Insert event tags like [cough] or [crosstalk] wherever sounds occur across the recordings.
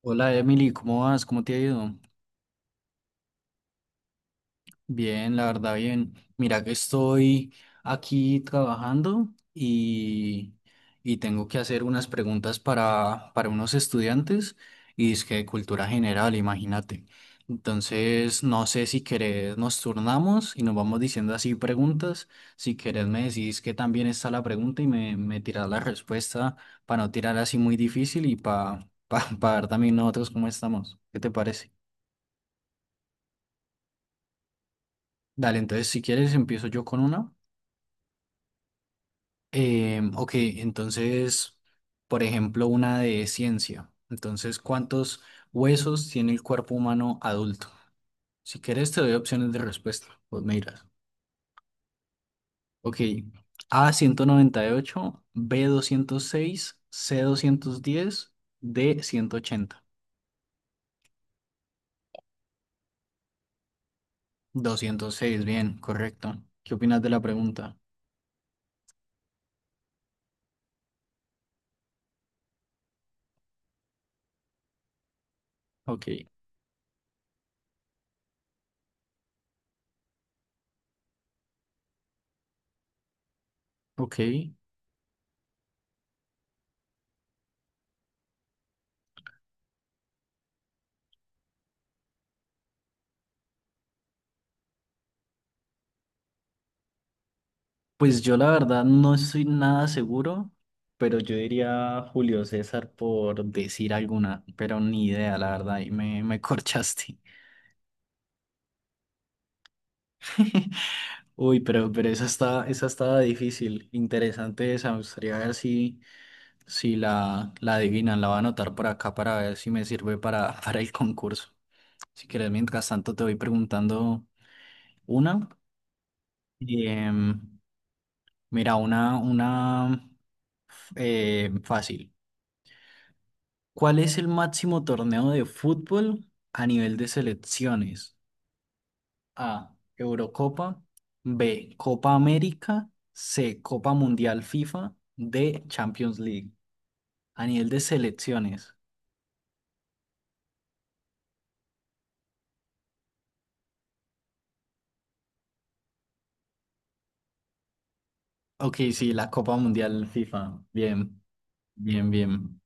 Hola Emily, ¿cómo vas? ¿Cómo te ha ido? Bien, la verdad, bien. Mira que estoy aquí trabajando y, y tengo que hacer unas preguntas para unos estudiantes y es que de cultura general, imagínate. Entonces, no sé si querés nos turnamos y nos vamos diciendo así preguntas. Si querés me decís que también está la pregunta y me tirás la respuesta para no tirar así muy difícil y para [laughs] pa ver también nosotros cómo estamos. ¿Qué te parece? Dale, entonces si quieres empiezo yo con una. Ok, entonces, por ejemplo, una de ciencia. Entonces, ¿cuántos huesos tiene el cuerpo humano adulto? Si quieres te doy opciones de respuesta, pues me dirás. Ok, A 198, B 206, C 210, D 180. 206, bien, correcto. ¿Qué opinas de la pregunta? Ok, ok. Pues yo la verdad no estoy nada seguro, pero yo diría Julio César por decir alguna, pero ni idea, la verdad, y me corchaste. [laughs] Uy, pero esa estaba difícil, interesante esa, me gustaría ver si la adivinan, la voy a anotar por acá para ver si me sirve [laughs] para el concurso. Si quieres, mientras tanto te voy preguntando una. Em, Mira, una fácil. ¿Cuál es el máximo torneo de fútbol a nivel de selecciones? A. Eurocopa. B. Copa América. C. Copa Mundial FIFA. D. Champions League. A nivel de selecciones. Ok, sí, la Copa Mundial FIFA. Bien, bien, bien.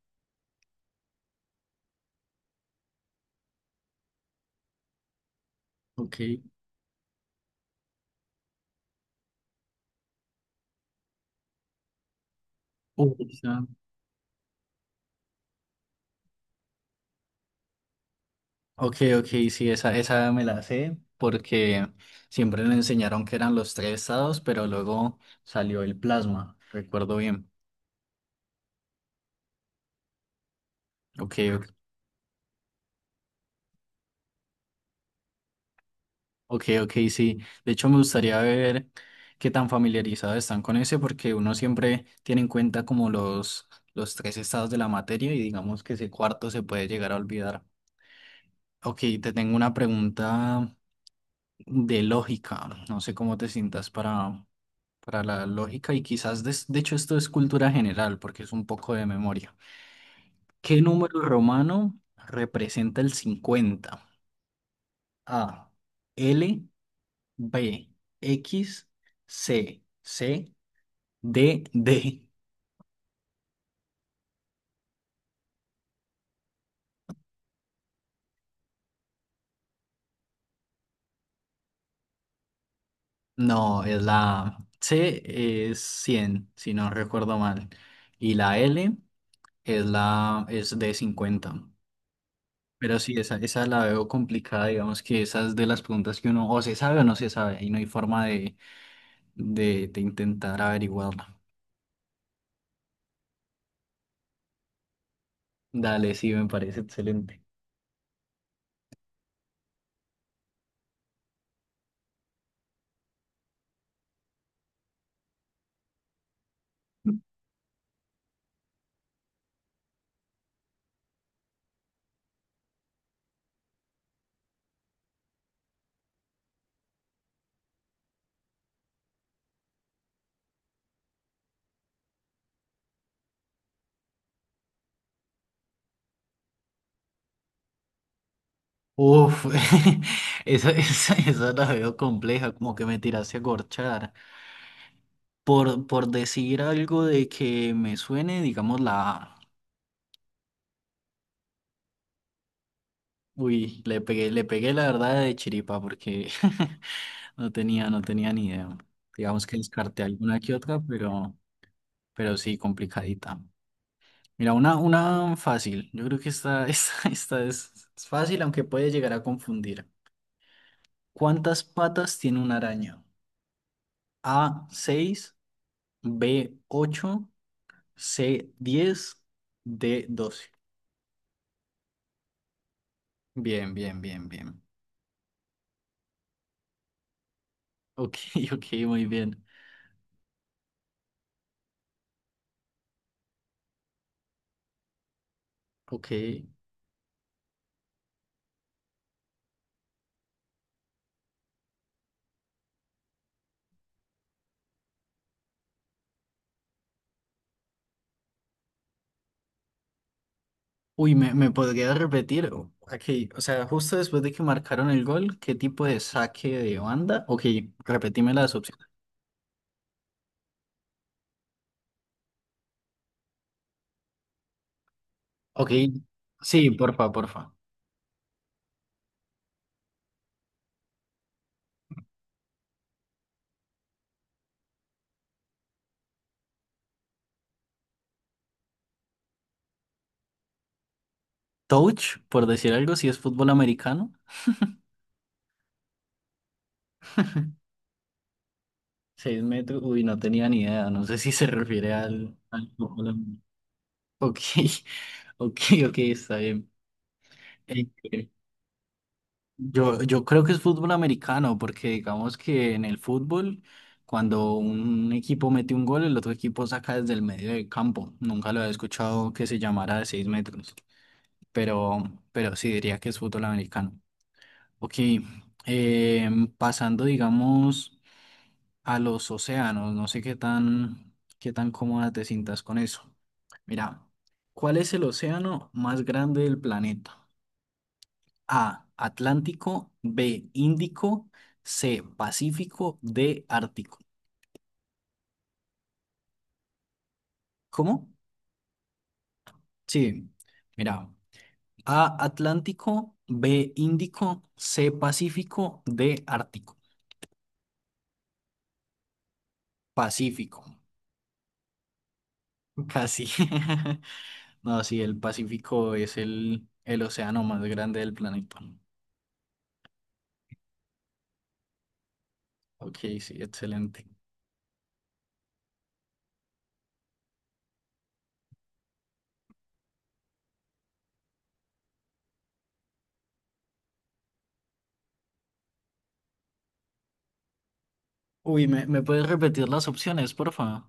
Ok. Uh, esa- Ok, ok, sí, esa me la sé porque siempre me enseñaron que eran los tres estados, pero luego salió el plasma. Recuerdo bien. Ok, ok. Ok, ok, sí. De hecho, me gustaría ver qué tan familiarizados están con ese, porque uno siempre tiene en cuenta como los tres estados de la materia y digamos que ese cuarto se puede llegar a olvidar. Ok, te tengo una pregunta de lógica. No sé cómo te sientas para la lógica y quizás, de hecho, esto es cultura general, porque es un poco de memoria. ¿Qué número romano representa el 50? A, L. B, X. C, C. D, D. No, es la C, es 100 si no recuerdo mal. Y la L es de 50. Pero sí, esa la veo complicada, digamos que esas de las preguntas que uno o se sabe o no se sabe, y no hay forma de intentar averiguarla. Dale, sí, me parece excelente. Uf, [laughs] esa la veo compleja, como que me tiraste a corchar. Por decir algo de que me suene, digamos la A. Uy, le pegué la verdad de chiripa porque [laughs] no tenía ni idea. Digamos que descarté alguna que otra, pero sí, complicadita. Mira, una fácil. Yo creo que [laughs] esta es fácil, aunque puede llegar a confundir. ¿Cuántas patas tiene una araña? A, seis. B, ocho. C, 10. D, 12. Bien, bien, bien, bien. Ok, [laughs] ok, muy bien. Ok. Uy, ¿me podría repetir? Ok, o sea, justo después de que marcaron el gol, ¿qué tipo de saque de banda? Ok, repetime las opciones. Ok, sí, porfa, porfa. Touch, por decir algo, si es fútbol americano. 6 metros, uy, no tenía ni idea. No sé si se refiere al fútbol americano. Ok, [laughs] ok, ok, está bien. Yo creo que es fútbol americano, porque digamos que en el fútbol, cuando un equipo mete un gol, el otro equipo saca desde el medio del campo. Nunca lo he escuchado que se llamara de 6 metros, pero, pero sí diría que es fútbol americano. Ok, pasando, digamos, a los océanos, no sé qué tan cómoda te sientas con eso. Mira, ¿cuál es el océano más grande del planeta? A, Atlántico. B, Índico. C, Pacífico. D, Ártico. ¿Cómo? Sí, mira, A, Atlántico. B, Índico. C, Pacífico. D, Ártico. Pacífico, casi. [laughs] No, sí, el Pacífico es el océano más grande del planeta. Ok, sí, excelente. Uy, ¿me puedes repetir las opciones, por favor?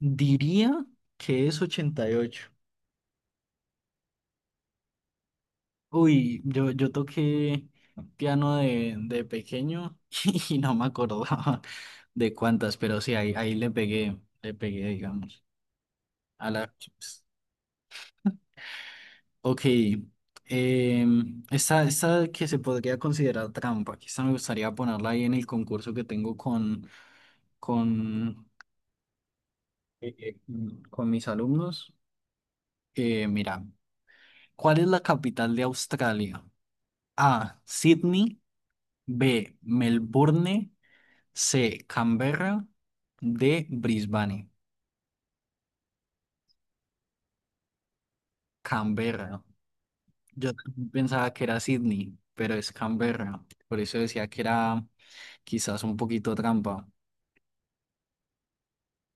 Diría que es 88. Uy, yo toqué piano de pequeño [laughs] y no me acordaba de cuántas, pero sí, ahí le pegué, digamos, a la pues. Ok, esta que se podría considerar trampa, que esta me gustaría ponerla ahí en el concurso que tengo con, eh, con mis alumnos. Mira, ¿cuál es la capital de Australia? A, Sydney. B, Melbourne. C, Canberra. D, Brisbane. Canberra. Yo también pensaba que era Sydney, pero es Canberra. Por eso decía que era quizás un poquito trampa.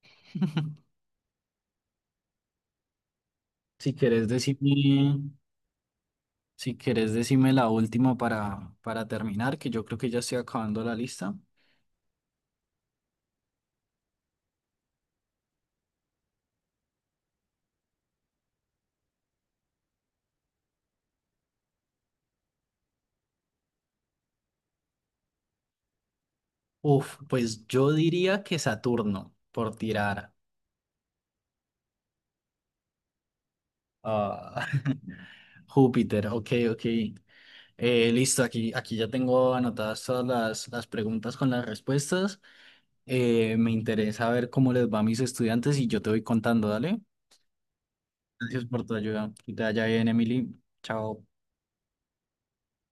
[laughs] Si quieres decirme, si quieres decirme la última para terminar, que yo creo que ya estoy acabando la lista. Uf, pues yo diría que Saturno, por tirar. Ah, [laughs] Júpiter, ok, ok. Listo, aquí ya tengo anotadas todas las preguntas con las respuestas. Me interesa ver cómo les va a mis estudiantes y yo te voy contando, dale. Gracias por tu ayuda. Que te vaya bien, Emily. Chao.